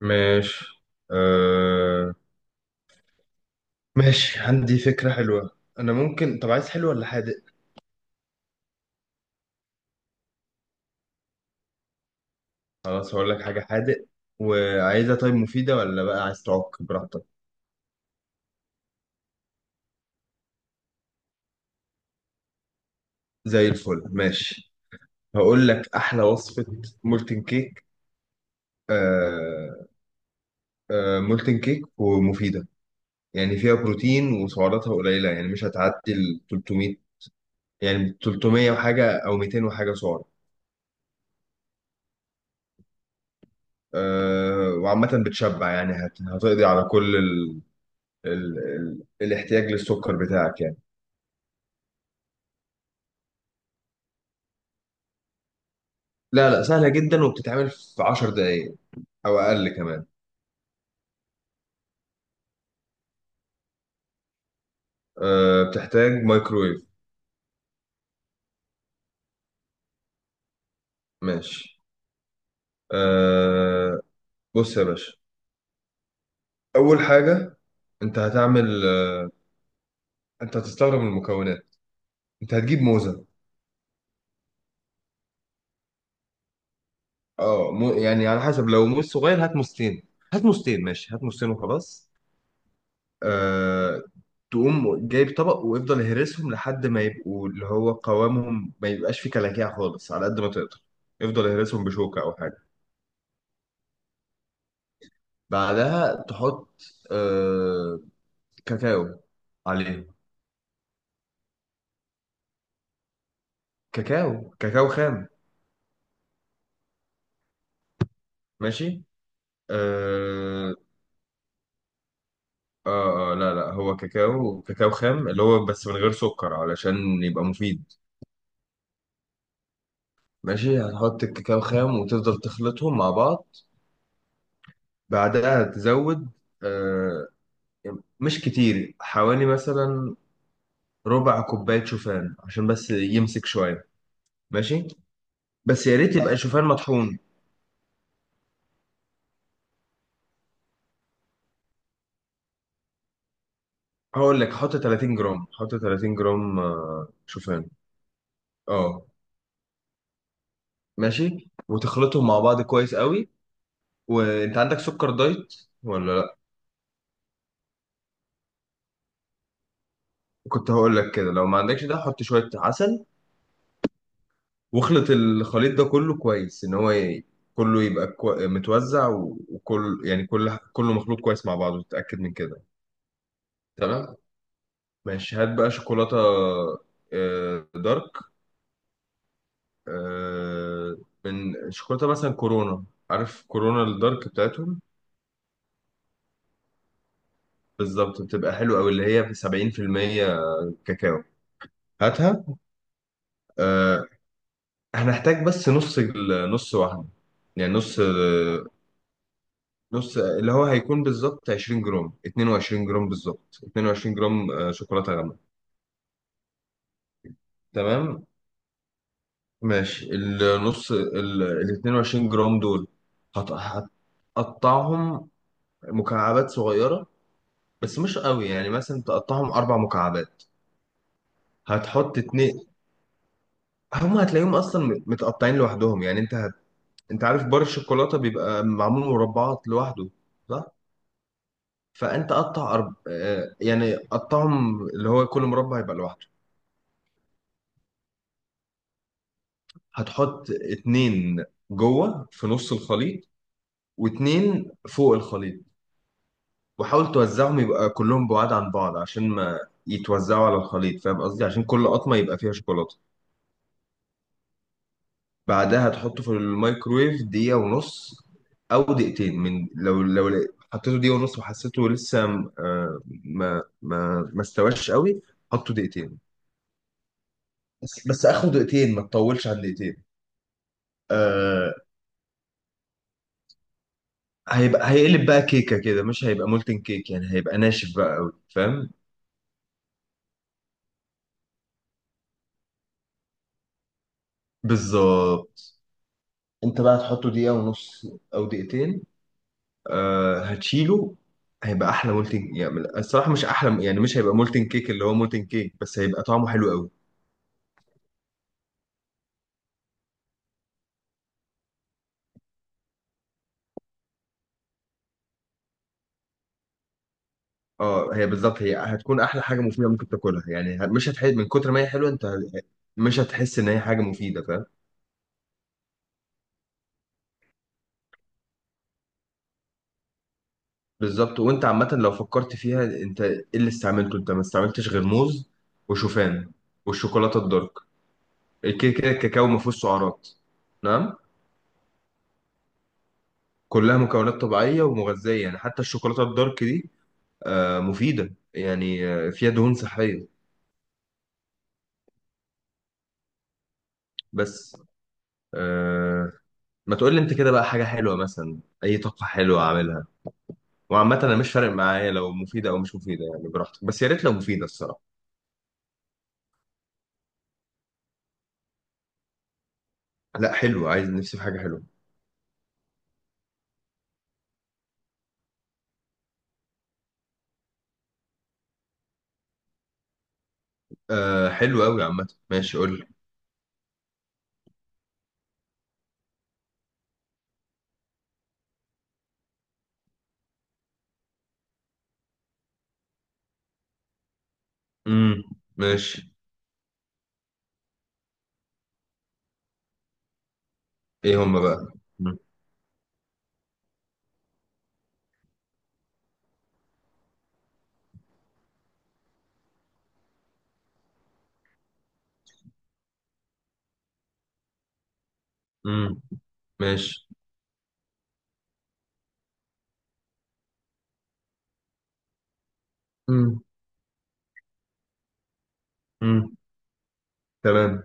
ماشي. أه... ماشي، عندي فكرة حلوة. أنا ممكن، طب عايز حلو ولا حادق؟ خلاص، هقول لك حاجة حادق. وعايزها طيب مفيدة، ولا بقى عايز تعك براحتك؟ زي الفل. ماشي، هقول لك أحلى وصفة: مولتن كيك. أه... مولتن كيك ومفيدة. يعني فيها بروتين وسعراتها قليلة، يعني مش هتعدي ال 300، يعني 300 وحاجة أو 200 وحاجة سعر. وعامة بتشبع، يعني هتقضي على كل الاحتياج للسكر بتاعك يعني. لا، لا، سهلة جدا وبتتعمل في 10 دقايق أو أقل كمان. أه، بتحتاج مايكرويف. ماشي. أه بص يا باشا، أول حاجة أنت هتعمل. أنت هتستغرب من المكونات. أنت هتجيب موزة. يعني على حسب، لو موز صغير هات موزتين. هات موزتين، ماشي، هات موزتين وخلاص. آه، تقوم جايب طبق، ويفضل يهرسهم لحد ما يبقوا اللي هو قوامهم، ما يبقاش فيه كلاكيع خالص على قد ما تقدر. يفضل يهرسهم بشوكة أو حاجة. بعدها تحط آه، كاكاو عليه. كاكاو، كاكاو خام. ماشي. آه, لا، لا، هو كاكاو، كاكاو خام، اللي هو بس من غير سكر علشان يبقى مفيد. ماشي، هتحط الكاكاو خام وتفضل تخلطهم مع بعض. بعدها تزود آه، مش كتير، حوالي مثلا ربع كوباية شوفان عشان بس يمسك شوية. ماشي، بس يا ريت يبقى شوفان مطحون. هقول لك حط 30 جرام، حط 30 جرام شوفان. اه، ماشي، وتخلطهم مع بعض كويس قوي. وانت عندك سكر دايت ولا لا؟ كنت هقول لك كده، لو ما عندكش ده حط شوية عسل. واخلط الخليط ده كله كويس، ان هو كله يبقى متوزع وكل، يعني كله مخلوط كويس مع بعضه، تتأكد من كده. تمام. ماشي، هات بقى شوكولاتة دارك، آه، من شوكولاتة مثلا كورونا. عارف كورونا الدارك بتاعتهم؟ بالظبط، بتبقى حلوة أوي، اللي هي 70% كاكاو. هاتها. آه، هنحتاج بس نص نص واحدة، يعني نص. نص اللي هو هيكون بالظبط 20 جرام، 22 جرام، بالظبط 22 جرام شوكولاتة غامقة. تمام. ماشي، النص ال 22 جرام دول هت- هتقطعهم مكعبات صغيرة، بس مش قوي، يعني مثلا تقطعهم أربع مكعبات. هتحط اتنين، هما هتلاقيهم أصلا متقطعين لوحدهم، يعني أنت عارف بار الشوكولاتة بيبقى معمول مربعات لوحده، صح؟ فأنت قطع أرب... آه، يعني قطعهم اللي هو كل مربع يبقى لوحده. هتحط اتنين جوه في نص الخليط، واتنين فوق الخليط، وحاول توزعهم يبقى كلهم بعاد عن بعض عشان ما يتوزعوا على الخليط، فاهم قصدي؟ عشان كل قطمة يبقى فيها شوكولاتة. بعدها تحطه في الميكرويف دقيقة ونص أو دقيقتين. من حطيته دقيقة ونص وحسيته لسه ما استواش قوي، حطه دقيقتين. بس آخره دقيقتين، ما تطولش عن دقيقتين. آه هيبقى هيقلب بقى كيكة كده، مش هيبقى مولتن كيك، يعني هيبقى ناشف بقى قوي، فاهم؟ بالظبط. انت بقى تحطه دقيقة ونص أو دقيقتين، هتشيله. هيبقى احلى مولتن، يعني الصراحه مش احلى، يعني مش هيبقى مولتن كيك اللي هو مولتن كيك، بس هيبقى طعمه حلو قوي. اه، هي بالظبط هي هتكون احلى حاجه مفيده ممكن تاكلها، يعني مش هتحس من كتر ما هي حلوه، انت مش هتحس ان هي حاجه مفيده، فاهم؟ بالظبط. وانت عامه لو فكرت فيها، انت ايه اللي استعملته؟ انت ما استعملتش غير موز وشوفان والشوكولاته الدارك. كده كده الكاكاو ما فيهوش سعرات. نعم. كلها مكونات طبيعيه ومغذيه، يعني حتى الشوكولاته الدارك دي مفيده، يعني فيها دهون صحيه بس. آه ما تقول لي انت كده بقى حاجه حلوه، مثلا اي طاقه حلوه، اعملها. وعامة أنا مش فارق معايا لو مفيدة أو مش مفيدة، يعني براحتك، بس يا ريت لو مفيدة الصراحة. لا، حلو، عايز نفسي في حاجة حلوة. آه حلو أوي، عامة ماشي، قول لي. امم ماشي. إيه هما بقى؟ امم أمم، ماشي. امم امم تمام.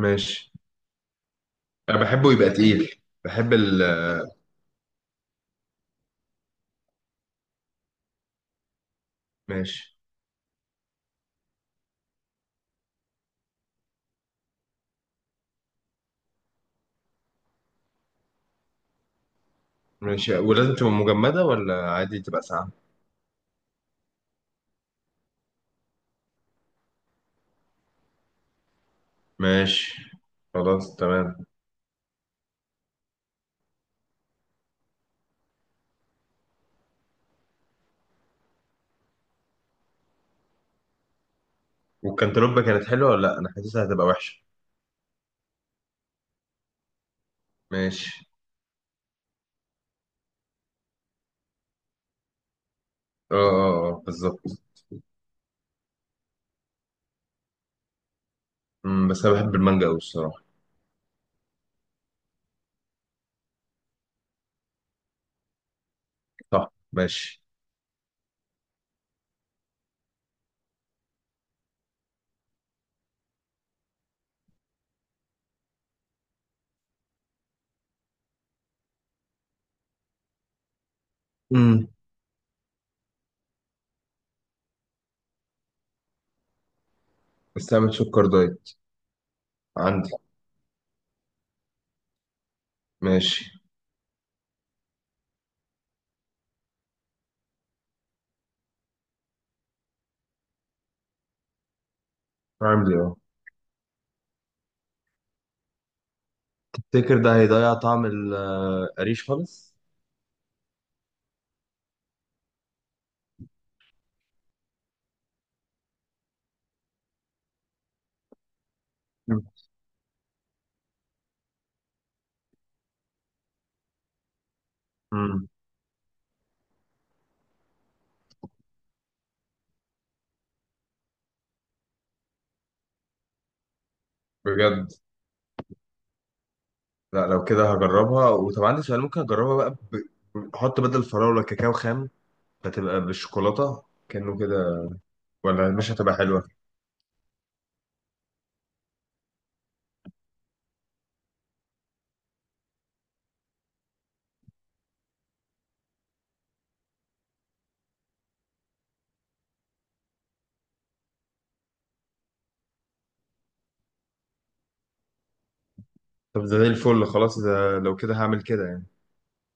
ماشي. أنا بحبه يبقى تقيل، بحب ماشي. ماشي، ولازم تبقى مجمدة ولا عادي تبقى ساقعة؟ ماشي، خلاص، تمام. والكنتالوبة كانت حلوة ولا لأ؟ أنا حاسسها هتبقى وحشة. ماشي. اه، اه، اه، بالظبط. بس أنا بحب المانجا أوي الصراحة. صح. ماشي. امم استعمل سكر دايت عندي. ماشي. عندي اهو. تفتكر ده هيضيع طعم القريش خالص؟ مم. مم. بجد؟ لا، لو كده هجربها. وطب عندي سؤال، ممكن اجربها بقى احط بدل الفراولة كاكاو خام فتبقى بالشوكولاتة كأنه كده؟ ولا مش هتبقى حلوة؟ طب ده زي الفل، خلاص، ده لو كده هعمل كده يعني.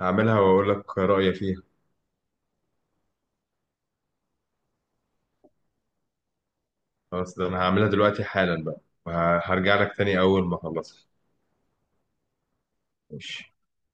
هعملها واقول لك رأيي فيها. خلاص، ده انا هعملها دلوقتي حالا بقى، وهرجع لك تاني اول ما اخلصها. ماشي.